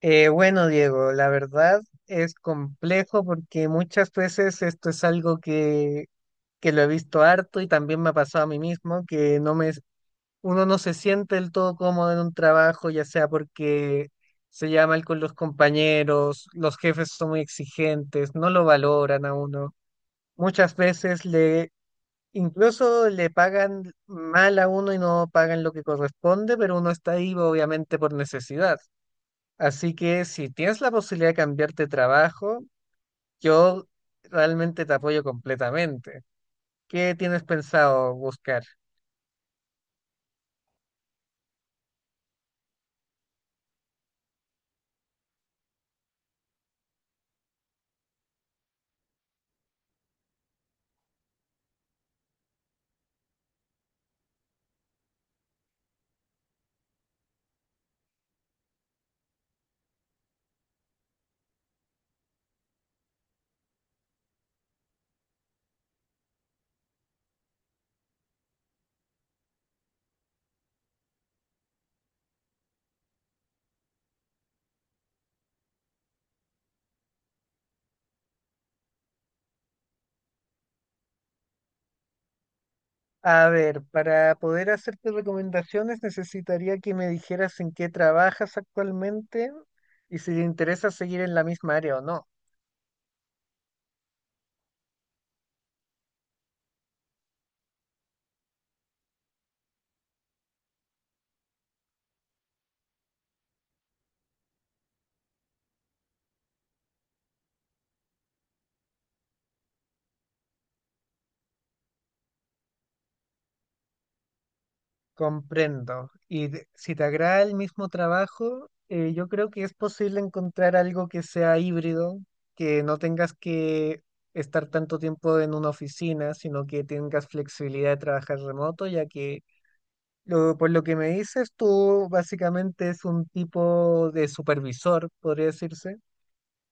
Bueno, Diego, la verdad es complejo porque muchas veces esto es algo que lo he visto harto y también me ha pasado a mí mismo, que no me, uno no se siente del todo cómodo en un trabajo, ya sea porque se llama mal con los compañeros, los jefes son muy exigentes, no lo valoran a uno. Muchas veces le, incluso le pagan mal a uno y no pagan lo que corresponde, pero uno está ahí obviamente por necesidad. Así que si tienes la posibilidad de cambiarte de trabajo, yo realmente te apoyo completamente. ¿Qué tienes pensado buscar? A ver, para poder hacerte recomendaciones necesitaría que me dijeras en qué trabajas actualmente y si te interesa seguir en la misma área o no. Comprendo. Si te agrada el mismo trabajo, yo creo que es posible encontrar algo que sea híbrido, que no tengas que estar tanto tiempo en una oficina, sino que tengas flexibilidad de trabajar remoto, ya que por lo que me dices, tú básicamente es un tipo de supervisor, podría decirse.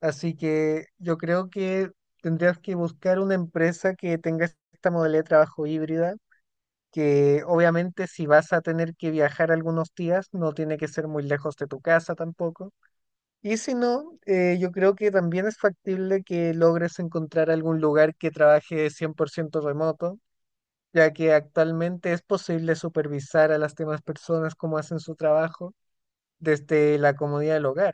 Así que yo creo que tendrías que buscar una empresa que tenga esta modalidad de trabajo híbrida, que obviamente si vas a tener que viajar algunos días, no tiene que ser muy lejos de tu casa tampoco. Y si no, yo creo que también es factible que logres encontrar algún lugar que trabaje 100% remoto, ya que actualmente es posible supervisar a las demás personas cómo hacen su trabajo desde la comodidad del hogar.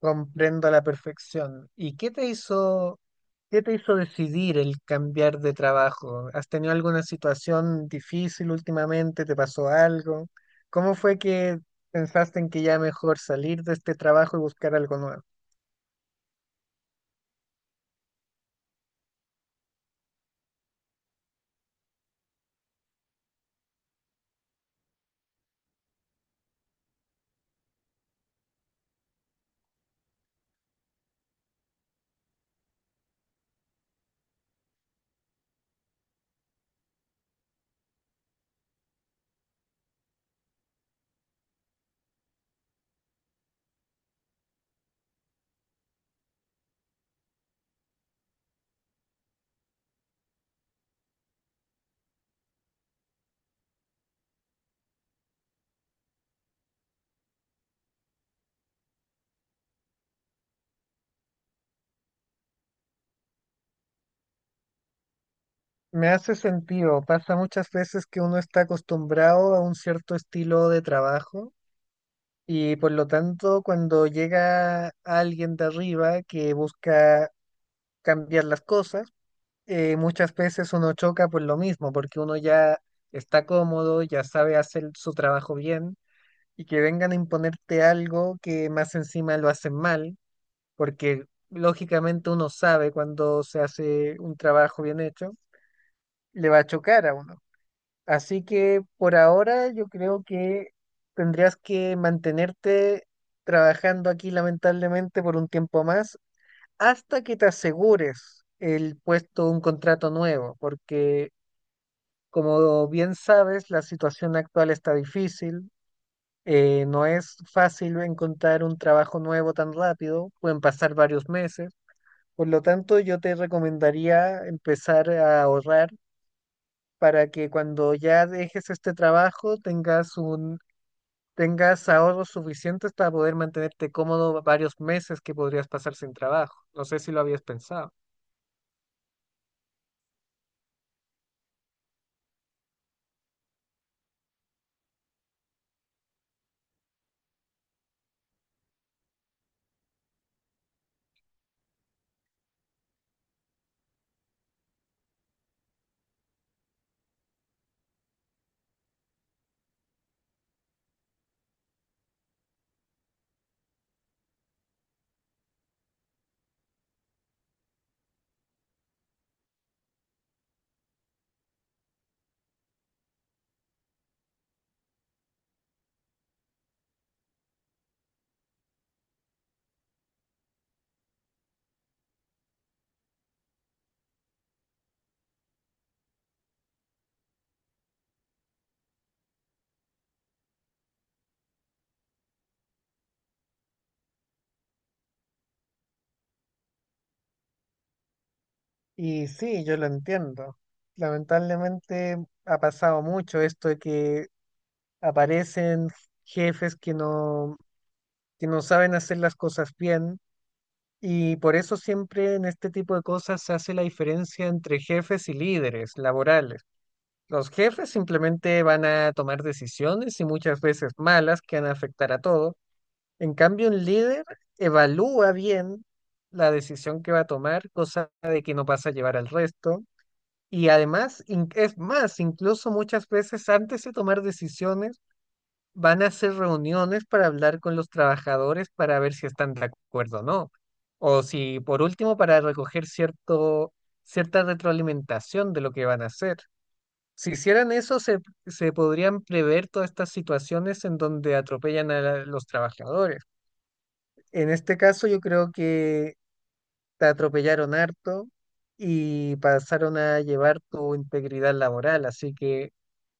Comprendo a la perfección. ¿Y qué te hizo? ¿Qué te hizo decidir el cambiar de trabajo? ¿Has tenido alguna situación difícil últimamente? ¿Te pasó algo? ¿Cómo fue que pensaste en que ya mejor salir de este trabajo y buscar algo nuevo? Me hace sentido. Pasa muchas veces que uno está acostumbrado a un cierto estilo de trabajo y por lo tanto cuando llega alguien de arriba que busca cambiar las cosas, muchas veces uno choca por lo mismo, porque uno ya está cómodo, ya sabe hacer su trabajo bien y que vengan a imponerte algo que más encima lo hacen mal, porque lógicamente uno sabe cuando se hace un trabajo bien hecho, le va a chocar a uno. Así que por ahora yo creo que tendrías que mantenerte trabajando aquí lamentablemente por un tiempo más hasta que te asegures el puesto, un contrato nuevo, porque como bien sabes, la situación actual está difícil. No es fácil encontrar un trabajo nuevo tan rápido, pueden pasar varios meses. Por lo tanto, yo te recomendaría empezar a ahorrar para que cuando ya dejes este trabajo tengas ahorros suficientes para poder mantenerte cómodo varios meses que podrías pasar sin trabajo. No sé si lo habías pensado. Y sí, yo lo entiendo. Lamentablemente ha pasado mucho esto de que aparecen jefes que no saben hacer las cosas bien y por eso siempre en este tipo de cosas se hace la diferencia entre jefes y líderes laborales. Los jefes simplemente van a tomar decisiones y muchas veces malas que van a afectar a todo. En cambio, un líder evalúa bien la decisión que va a tomar, cosa de que no pasa a llevar al resto. Y además, es más, incluso muchas veces antes de tomar decisiones, van a hacer reuniones para hablar con los trabajadores para ver si están de acuerdo o no. O si, por último, para recoger cierta retroalimentación de lo que van a hacer. Si hicieran eso, se podrían prever todas estas situaciones en donde atropellan a los trabajadores. En este caso, yo creo que te atropellaron harto y pasaron a llevar tu integridad laboral. Así que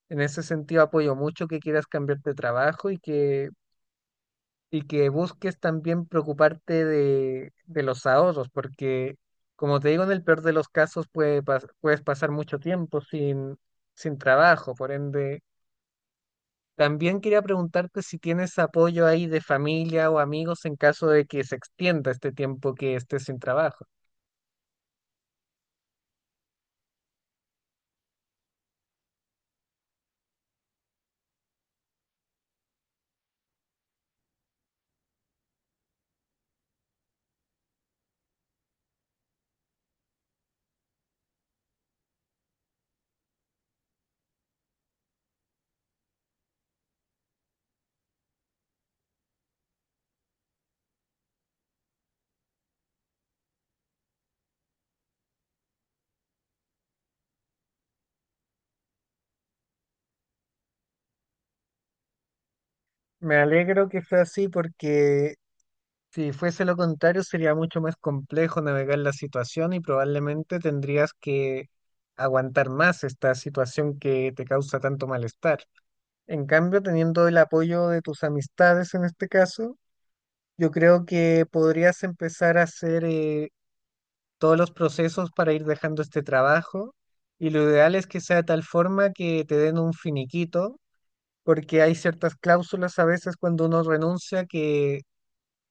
en ese sentido apoyo mucho que quieras cambiar de trabajo y que busques también preocuparte de los ahorros, porque como te digo, en el peor de los casos puedes pasar mucho tiempo sin trabajo, por ende, también quería preguntarte si tienes apoyo ahí de familia o amigos en caso de que se extienda este tiempo que estés sin trabajo. Me alegro que fue así porque, si fuese lo contrario, sería mucho más complejo navegar la situación y probablemente tendrías que aguantar más esta situación que te causa tanto malestar. En cambio, teniendo el apoyo de tus amistades en este caso, yo creo que podrías empezar a hacer todos los procesos para ir dejando este trabajo, y lo ideal es que sea de tal forma que te den un finiquito, porque hay ciertas cláusulas a veces cuando uno renuncia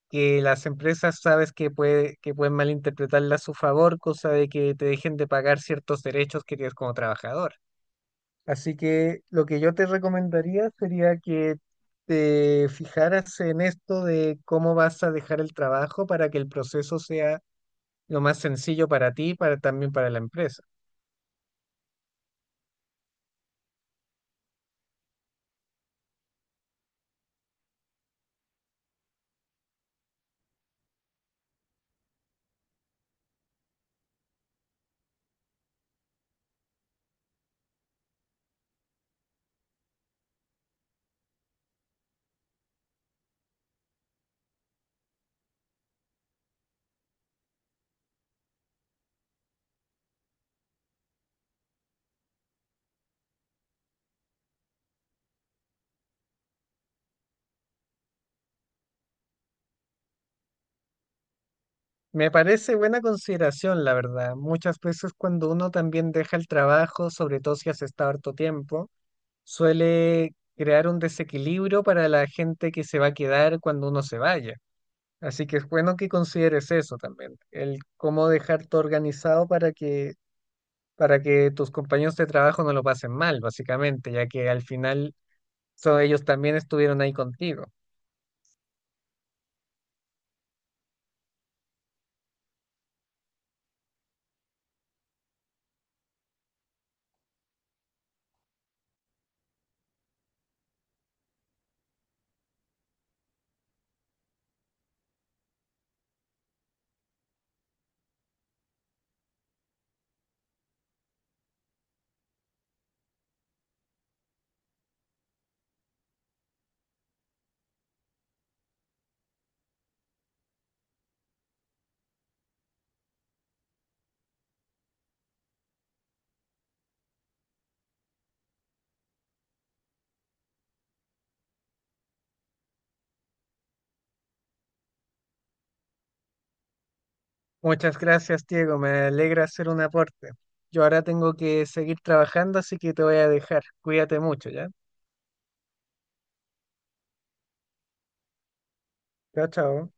que las empresas sabes que pueden malinterpretarla a su favor, cosa de que te dejen de pagar ciertos derechos que tienes como trabajador. Así que lo que yo te recomendaría sería que te fijaras en esto de cómo vas a dejar el trabajo para que el proceso sea lo más sencillo para ti y también para la empresa. Me parece buena consideración, la verdad. Muchas veces cuando uno también deja el trabajo, sobre todo si has estado harto tiempo, suele crear un desequilibrio para la gente que se va a quedar cuando uno se vaya. Así que es bueno que consideres eso también, el cómo dejarte organizado para que tus compañeros de trabajo no lo pasen mal, básicamente, ya que al final ellos también estuvieron ahí contigo. Muchas gracias, Diego, me alegra hacer un aporte. Yo ahora tengo que seguir trabajando, así que te voy a dejar. Cuídate mucho, ¿ya? Chao, chao.